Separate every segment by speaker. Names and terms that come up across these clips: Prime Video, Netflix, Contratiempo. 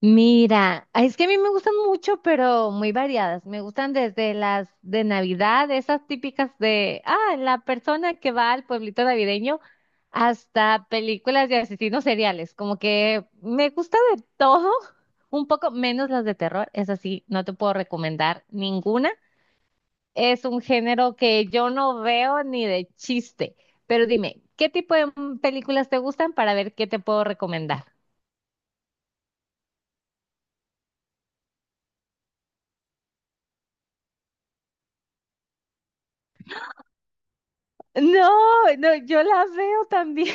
Speaker 1: Mira, ay, es que a mí me gustan mucho, pero muy variadas. Me gustan desde las de Navidad, esas típicas de, la persona que va al pueblito navideño, hasta películas de asesinos seriales. Como que me gusta de todo, un poco menos las de terror. Es así, no te puedo recomendar ninguna. Es un género que yo no veo ni de chiste. Pero dime, ¿qué tipo de películas te gustan para ver qué te puedo recomendar? No, no, yo las veo también.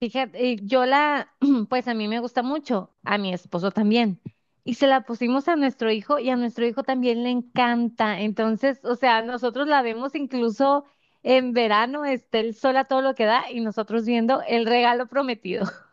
Speaker 1: Fíjate, yo la, pues a mí me gusta mucho, a mi esposo también. Y se la pusimos a nuestro hijo y a nuestro hijo también le encanta. Entonces, o sea, nosotros la vemos incluso en verano, está el sol a todo lo que da y nosotros viendo el regalo prometido.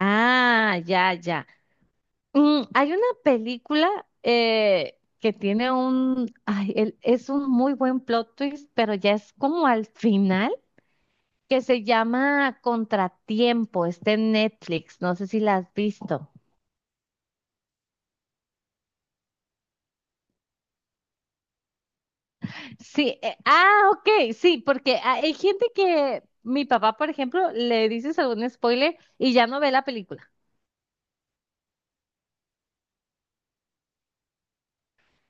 Speaker 1: Ah, ya, ya. Mm, hay una película que tiene un, ay, es un muy buen plot twist, pero ya es como al final, que se llama Contratiempo. Está en Netflix, no sé si la has visto. Sí, ok, sí, porque ah, hay gente que, mi papá, por ejemplo, le dices algún spoiler y ya no ve la película.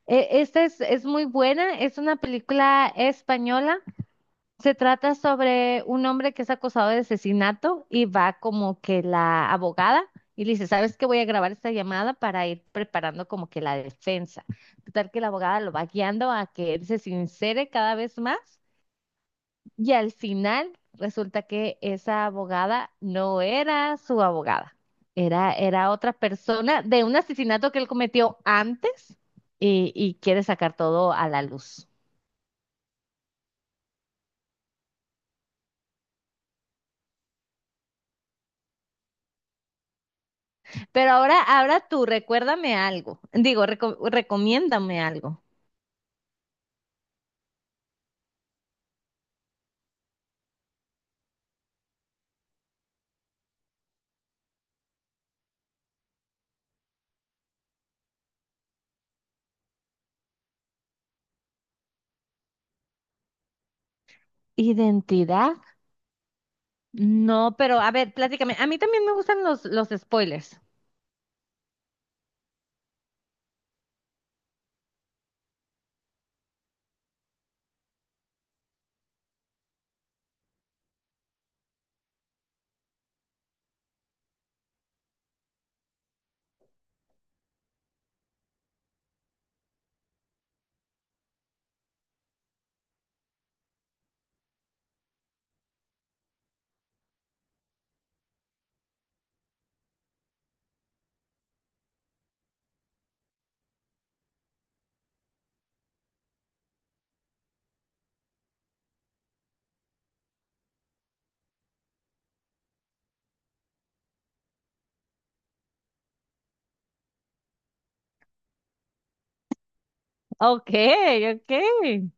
Speaker 1: Es muy buena, es una película española. Se trata sobre un hombre que es acusado de asesinato y va como que la abogada y le dice, ¿sabes qué? Voy a grabar esta llamada para ir preparando como que la defensa. Total que la abogada lo va guiando a que él se sincere cada vez más y al final resulta que esa abogada no era su abogada, era otra persona de un asesinato que él cometió antes y quiere sacar todo a la luz. Pero ahora, ahora tú, recuérdame algo. Digo, recomiéndame algo. ¿Identidad? No, pero a ver, pláticame. A mí también me gustan los spoilers. Ok, ok.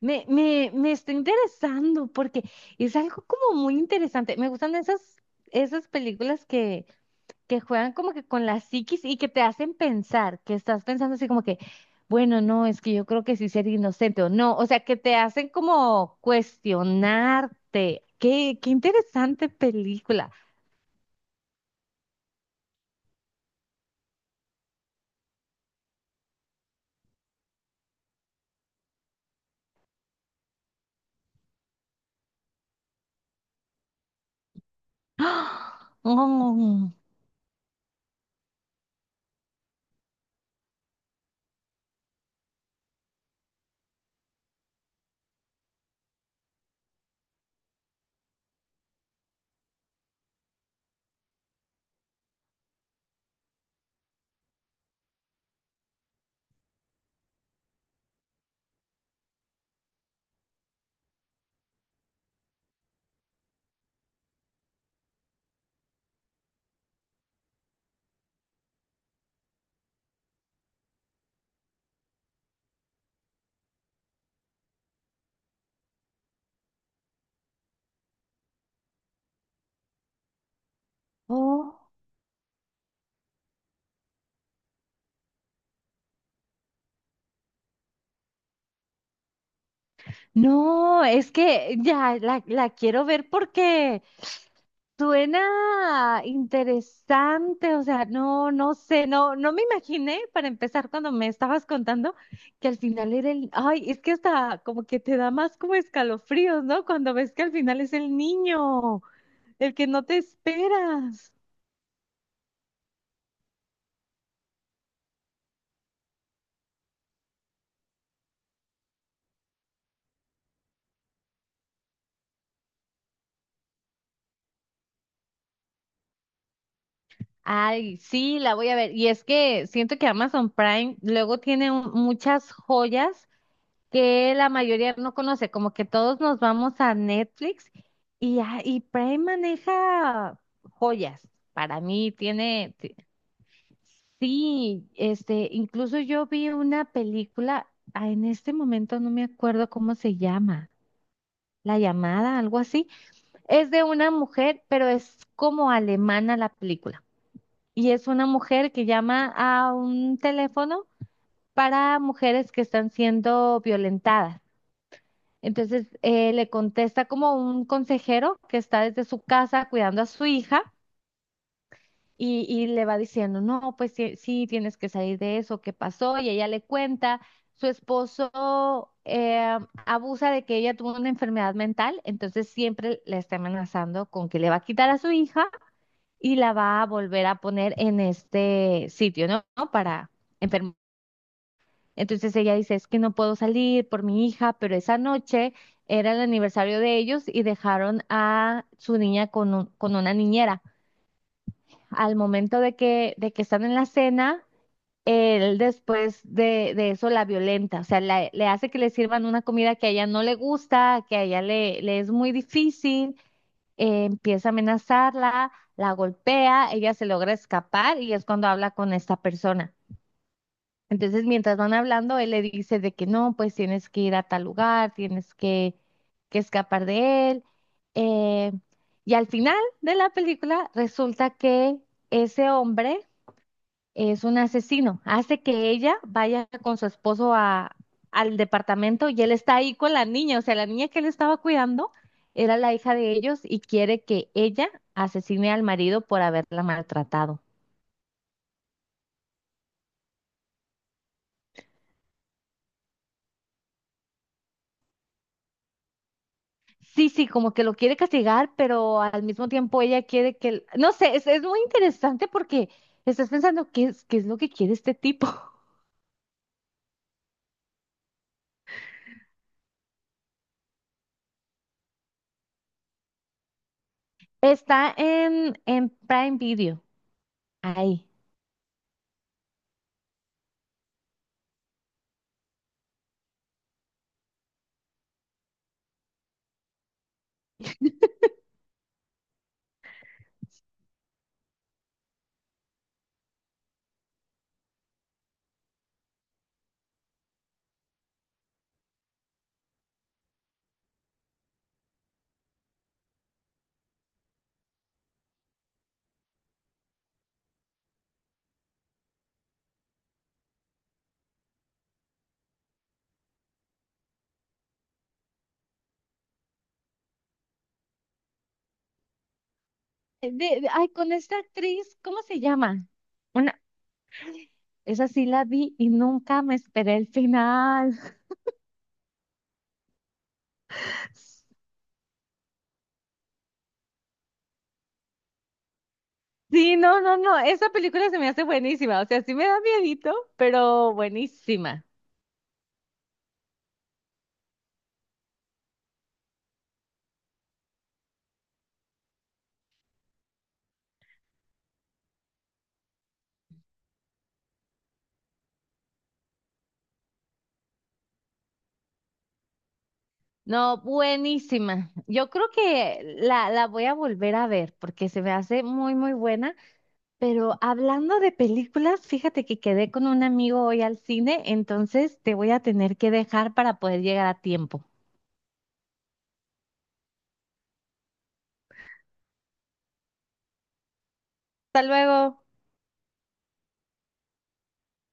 Speaker 1: Me me está interesando porque es algo como muy interesante. Me gustan esas, esas películas que juegan como que con la psiquis y que te hacen pensar, que estás pensando así como que, bueno, no, es que yo creo que sí ser inocente o no, o sea, que te hacen como cuestionarte. Qué, qué interesante película. ¡Ah! Oh, oh. No, es que ya la quiero ver porque suena interesante. O sea, no, no sé, no, no me imaginé para empezar cuando me estabas contando que al final era el, ay, es que hasta como que te da más como escalofríos, ¿no? Cuando ves que al final es el niño, el que no te esperas. Ay, sí, la voy a ver. Y es que siento que Amazon Prime luego tiene muchas joyas que la mayoría no conoce, como que todos nos vamos a Netflix y, y Prime maneja joyas. Para mí tiene, sí, este, incluso yo vi una película, ah, en este momento no me acuerdo cómo se llama, La llamada, algo así. Es de una mujer, pero es como alemana la película. Y es una mujer que llama a un teléfono para mujeres que están siendo violentadas. Entonces le contesta como un consejero que está desde su casa cuidando a su hija y le va diciendo, no, pues sí, sí, tienes que salir de eso, ¿qué pasó? Y ella le cuenta, su esposo abusa de que ella tuvo una enfermedad mental, entonces siempre la está amenazando con que le va a quitar a su hija y la va a volver a poner en este sitio, ¿no? ¿No? Para enfermar. Entonces ella dice, es que no puedo salir por mi hija, pero esa noche era el aniversario de ellos y dejaron a su niña con, con una niñera. Al momento de que están en la cena, él después de eso la violenta, o sea, le hace que le sirvan una comida que a ella no le gusta, que a ella le, le es muy difícil, empieza a amenazarla, la golpea, ella se logra escapar y es cuando habla con esta persona. Entonces, mientras van hablando, él le dice de que no, pues tienes que ir a tal lugar, tienes que escapar de él. eh, y al final de la película resulta que ese hombre es un asesino. Hace que ella vaya con su esposo a, al departamento y él está ahí con la niña. O sea, la niña que él estaba cuidando era la hija de ellos y quiere que ella asesine al marido por haberla maltratado. Sí, sí, como que lo quiere castigar, pero al mismo tiempo ella quiere que... el, no sé, es muy interesante porque estás pensando qué es lo que quiere este tipo. Está en Prime Video, ahí. Ay, con esta actriz, ¿cómo se llama? Una, esa sí la vi y nunca me esperé el final. Sí, no, no, no, esa película se me hace buenísima, o sea, sí me da miedito, pero buenísima. No, buenísima. Yo creo que la voy a volver a ver porque se me hace muy, muy buena. Pero hablando de películas, fíjate que quedé con un amigo hoy al cine, entonces te voy a tener que dejar para poder llegar a tiempo. Hasta luego.